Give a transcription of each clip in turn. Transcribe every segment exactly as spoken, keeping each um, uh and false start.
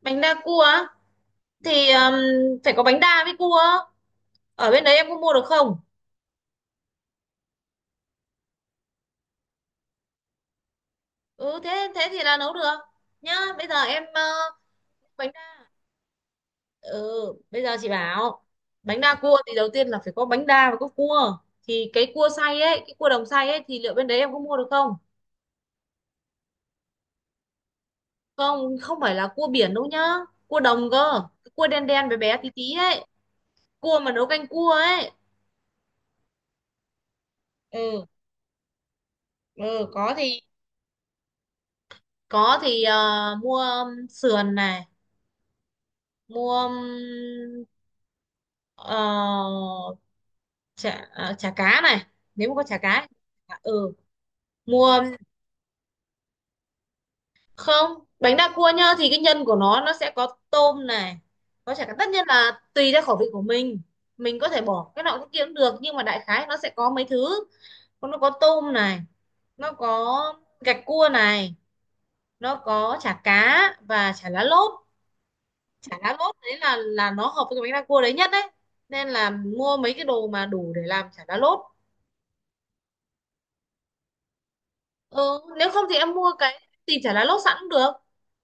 Bánh đa cua á? thì um, phải có bánh đa với cua. Ở bên đấy em có mua được không? Ừ, thế thế thì là nấu được nhá. Bây giờ em ờ, bánh đa. Ừ, bây giờ chị bảo, bánh đa cua thì đầu tiên là phải có bánh đa và có cua. Thì cái cua xay ấy cái cua đồng xay ấy, thì liệu bên đấy em có mua được không? Không, không phải là cua biển đâu nhá, cua đồng cơ. Cái cua đen đen bé bé tí tí ấy, cua mà nấu canh cua ấy. Ừ, ừ, có thì, có thì ờ, mua sườn này. Mua ờ, chả à, chả cá này, nếu mà có chả cá. À, ừ, mua. Không, bánh đa cua nhá, thì cái nhân của nó nó sẽ có tôm này, có chả cá. Tất nhiên là tùy theo khẩu vị của mình mình có thể bỏ cái nào cái kia cũng được, nhưng mà đại khái nó sẽ có mấy thứ. Còn nó có tôm này, nó có gạch cua này, nó có chả cá và chả lá lốt. Chả lá lốt đấy là là nó hợp với cái bánh đa cua đấy nhất đấy, nên là mua mấy cái đồ mà đủ để làm chả lá lốt. Ừ, nếu không thì em mua cái, thì chả lá lốt sẵn cũng được.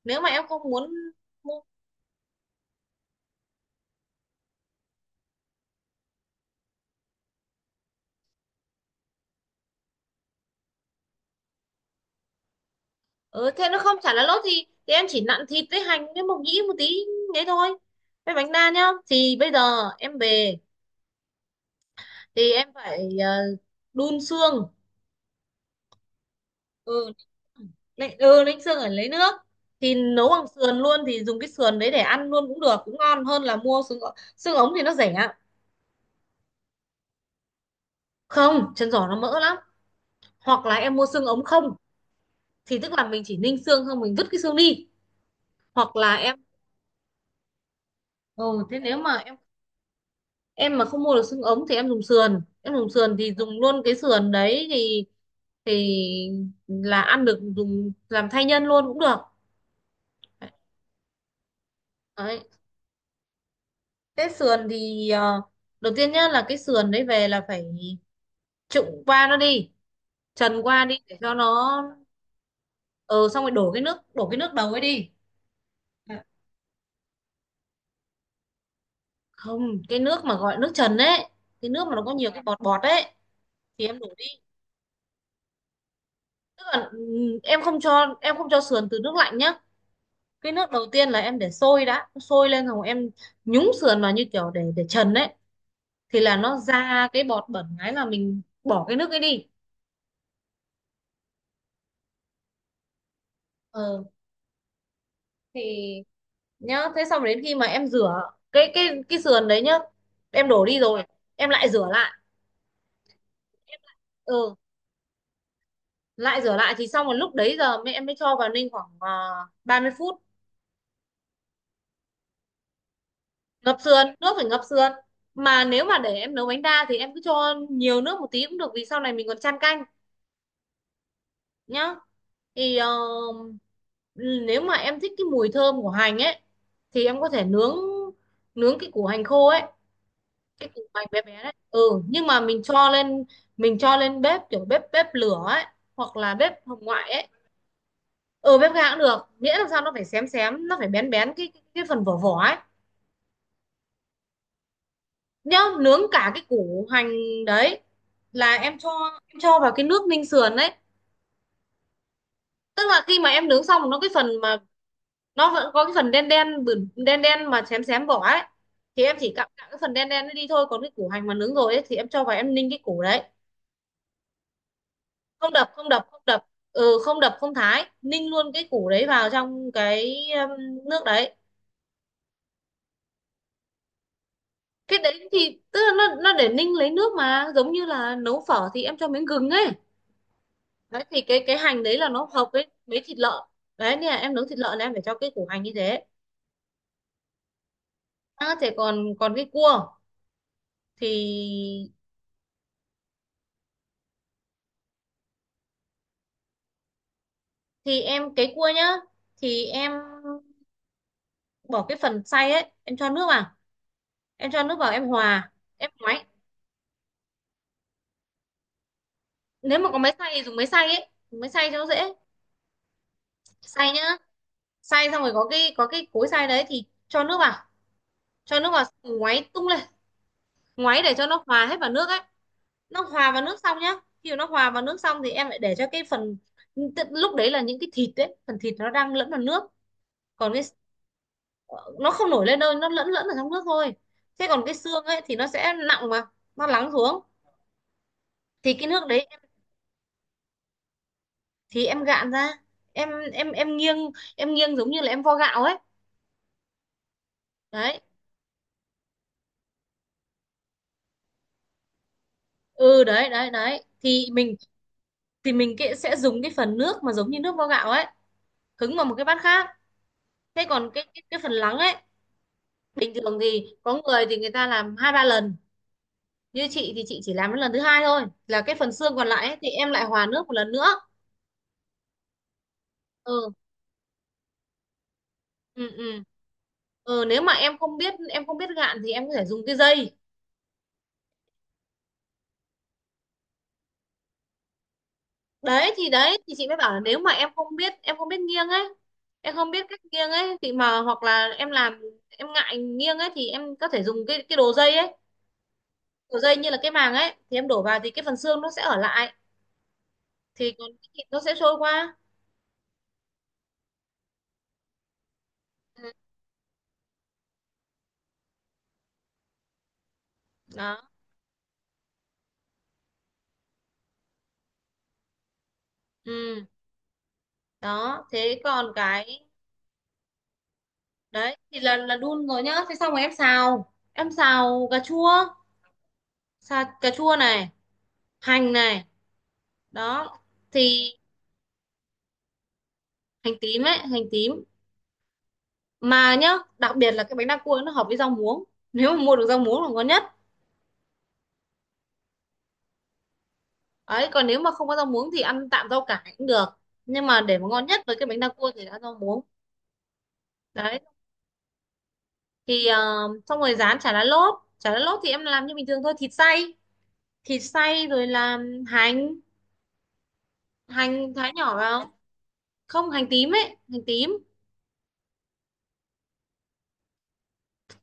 Nếu mà em không muốn mua, ừ, thế nó không chả lá lốt thì thì em chỉ nặn thịt với hành với mộc nhĩ một tí đấy thôi. Với bánh đa nhá. Thì bây giờ em về thì em phải ờ, đun xương. Ừ, đánh, ừ, đánh xương ở lấy nước. Thì nấu bằng sườn luôn thì dùng cái sườn đấy để ăn luôn cũng được, cũng ngon hơn là mua xương. Xương ống thì nó rẻ. Không, chân giò nó mỡ lắm. Hoặc là em mua xương ống không, thì tức là mình chỉ ninh xương không, mình vứt cái xương đi. Hoặc là em ừ, Thế nếu mà em em mà không mua được xương ống thì em dùng sườn em dùng sườn thì dùng luôn cái sườn đấy, thì thì là ăn được, dùng làm thay nhân luôn cũng được. Đấy, cái sườn thì ờ, đầu tiên nhá, là cái sườn đấy về là phải trụng qua nó đi, trần qua đi để cho nó. ờ Xong rồi đổ cái nước đổ cái nước đầu ấy đi. Dạ. Không, cái nước mà gọi nước trần ấy, cái nước mà nó có nhiều cái bọt bọt ấy. Thì em đổ đi, tức là ừ, em không cho em không cho sườn từ nước lạnh nhá. Cái nước đầu tiên là em để sôi đã, sôi lên rồi em nhúng sườn vào như kiểu để để trần ấy, thì là nó ra cái bọt bẩn, cái là mình bỏ cái nước ấy đi. ờ thì nhá, thế xong đến khi mà em rửa cái cái cái sườn đấy nhá, em đổ đi rồi em lại rửa lại. Ừ, lại rửa lại thì xong rồi lúc đấy giờ mẹ em mới cho vào ninh khoảng uh, ba mươi phút. Ngập sườn, nước phải ngập sườn. Mà nếu mà để em nấu bánh đa thì em cứ cho nhiều nước một tí cũng được vì sau này mình còn chan canh nhá. Thì ờ, nếu mà em thích cái mùi thơm của hành ấy thì em có thể nướng nướng cái củ hành khô ấy, cái củ hành bé bé đấy, ừ. Nhưng mà mình cho lên mình cho lên bếp, kiểu bếp bếp lửa ấy, hoặc là bếp hồng ngoại ấy. Ừ, bếp ga cũng được, miễn làm sao nó phải xém xém, nó phải bén bén cái cái, cái phần vỏ vỏ ấy. Nhá, nướng cả cái củ hành đấy là em cho em cho vào cái nước ninh sườn đấy. Tức là khi mà em nướng xong nó, cái phần mà nó vẫn có cái phần đen đen, bự- đen đen mà xém xém vỏ ấy. Thì em chỉ cạo cạo cái phần đen đen nó đi thôi, còn cái củ hành mà nướng rồi ấy thì em cho vào, em ninh cái củ đấy. Không đập, không đập, không đập. Ừ, không đập, không thái, ninh luôn cái củ đấy vào trong cái um, nước đấy. Cái đấy thì tức là nó nó để ninh lấy nước, mà giống như là nấu phở thì em cho miếng gừng ấy. Đấy thì cái cái hành đấy là nó hợp với với thịt lợn. Đấy nên là em nấu thịt lợn là em phải cho cái củ hành như thế. À, thế còn còn cái cua thì, thì em cái cua nhá, thì em bỏ cái phần xay ấy, em cho nước vào, em cho nước vào em hòa, em ngoáy. Nếu mà có máy xay thì dùng máy xay ấy, dùng máy xay cho nó dễ. Xay nhá, xay xong rồi có cái có cái cối xay đấy, thì cho nước vào, cho nước vào ngoáy tung lên. Ngoáy để cho nó hòa hết vào nước ấy. Nó hòa vào nước xong nhá, khi mà nó hòa vào nước xong thì em lại để cho cái phần. Tức lúc đấy là những cái thịt đấy, phần thịt nó đang lẫn vào nước. Còn cái, nó không nổi lên đâu, nó lẫn lẫn ở trong nước thôi. Thế còn cái xương ấy thì nó sẽ nặng mà, nó lắng xuống. Thì cái nước đấy, thì em gạn ra, em em em nghiêng em nghiêng giống như là em vo gạo ấy. Đấy, ừ, đấy đấy đấy, thì mình thì mình cái, sẽ dùng cái phần nước mà giống như nước vo gạo ấy, hứng vào một cái bát khác. Thế còn cái cái, cái phần lắng ấy, bình thường thì có người thì người ta làm hai ba lần, như chị thì chị chỉ làm đến lần thứ hai thôi, là cái phần xương còn lại ấy, thì em lại hòa nước một lần nữa. Ừ. Ừ, ừ, ừ, nếu mà em không biết em không biết gạn thì em có thể dùng cái dây. Đấy thì đấy thì chị mới bảo là, nếu mà em không biết em không biết nghiêng ấy em không biết cách nghiêng ấy, thì mà hoặc là em làm em ngại nghiêng ấy thì em có thể dùng cái cái đồ dây ấy. Đồ dây như là cái màng ấy, thì em đổ vào thì cái phần xương nó sẽ ở lại, thì còn cái thịt nó sẽ trôi qua. Ừ. Đó. Ừ, đó. Thế còn cái đấy thì là là đun rồi nhá. Thế xong rồi em xào em xào cà chua, xào cà chua này, hành này, đó. Thì hành tím ấy, hành tím. Mà nhá, đặc biệt là cái bánh đa cua ấy, nó hợp với rau muống, nếu mà mua được rau muống là ngon nhất. Ấy còn nếu mà không có rau muống thì ăn tạm rau cải cũng được, nhưng mà để mà ngon nhất với cái bánh đa cua thì là rau muống. Đấy thì ờ, xong rồi rán chả lá lốt. Chả lá lốt thì em làm như bình thường thôi, thịt xay thịt xay rồi làm hành, hành thái nhỏ vào. Không, hành tím ấy, hành tím.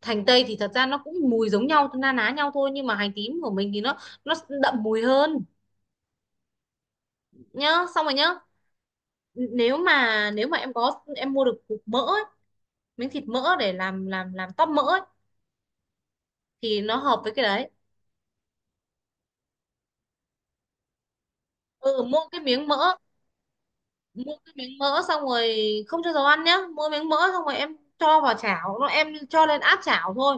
Hành tây thì thật ra nó cũng mùi giống nhau, na ná nhau thôi, nhưng mà hành tím của mình thì nó nó đậm mùi hơn. Nhá, xong rồi nhá. Nếu mà nếu mà em có em mua được cục mỡ ấy, miếng thịt mỡ để làm làm làm tóp mỡ ấy, thì nó hợp với cái đấy. Ừ, mua cái miếng mỡ mua cái miếng mỡ xong rồi, không cho dầu ăn nhá. Mua miếng mỡ xong rồi, em cho vào chảo nó em cho lên áp chảo thôi.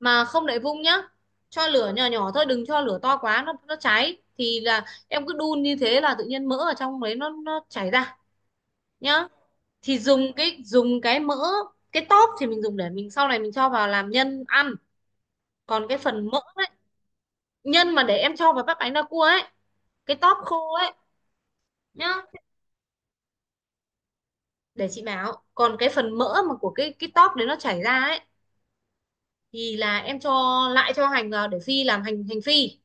Mà không để vung nhá, cho lửa nhỏ nhỏ thôi, đừng cho lửa to quá nó nó cháy. Thì là em cứ đun như thế là tự nhiên mỡ ở trong đấy nó nó chảy ra nhá. Thì dùng cái dùng cái mỡ. Cái tóp thì mình dùng để mình sau này mình cho vào làm nhân ăn. Còn cái phần mỡ, nhân mà để em cho vào bắp bánh đa cua ấy, cái tóp khô ấy. Nhá, để chị bảo, còn cái phần mỡ mà của cái cái tóp đấy nó chảy ra ấy, thì là em cho, lại cho hành vào để phi làm hành, hành phi.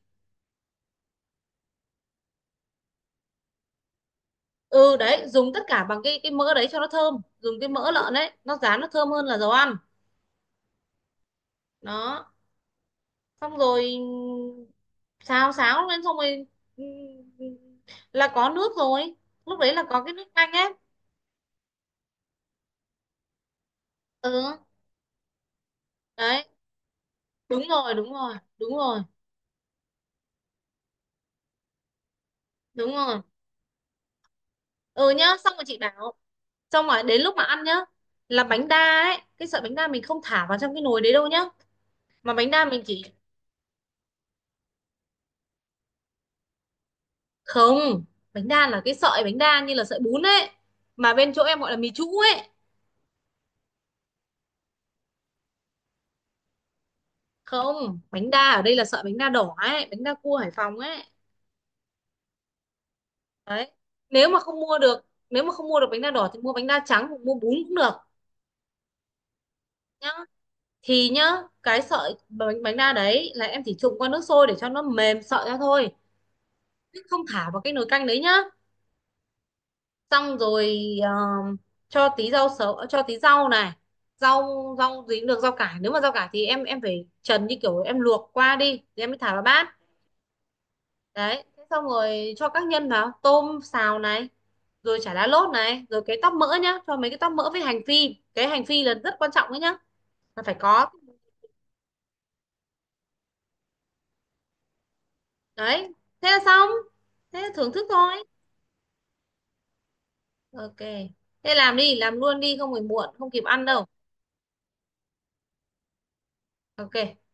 Ừ đấy, dùng tất cả bằng cái cái mỡ đấy cho nó thơm, dùng cái mỡ lợn đấy nó rán nó thơm hơn là dầu ăn. Đó, xong rồi xào xáo lên, xong rồi, ừ, là có nước rồi, lúc đấy là có cái nước canh ấy. Ừ, đấy, đúng rồi, đúng rồi, đúng rồi, đúng rồi. Ừ nhá, xong rồi chị bảo, xong rồi đến lúc mà ăn nhá. Là bánh đa ấy, cái sợi bánh đa mình không thả vào trong cái nồi đấy đâu nhá, mà bánh đa mình chỉ. Không, bánh đa là cái sợi bánh đa như là sợi bún ấy, mà bên chỗ em gọi là mì trũ ấy. Không, bánh đa ở đây là sợi bánh đa đỏ ấy, bánh đa cua Hải Phòng ấy. Đấy, nếu mà không mua được nếu mà không mua được bánh đa đỏ thì mua bánh đa trắng hoặc mua bún cũng được. Nhá, thì nhá, cái sợi bánh bánh đa đấy là em chỉ trụng qua nước sôi để cho nó mềm sợi ra thôi, chứ không thả vào cái nồi canh đấy nhá. Xong rồi ờ, cho tí rau sấu, cho tí rau này, rau rau gì cũng được, rau cải. Nếu mà rau cải thì em em phải trần như kiểu em luộc qua đi thì em mới thả vào bát. Đấy, thế xong rồi cho các nhân vào, tôm xào này, rồi chả lá lốt này, rồi cái tóp mỡ nhá, cho mấy cái tóp mỡ với hành phi. Cái hành phi là rất quan trọng đấy nhá, là phải có. Đấy, thế là xong, thế là thưởng thức thôi. Ok, thế làm đi, làm luôn đi, không phải muộn không kịp ăn đâu. Ok.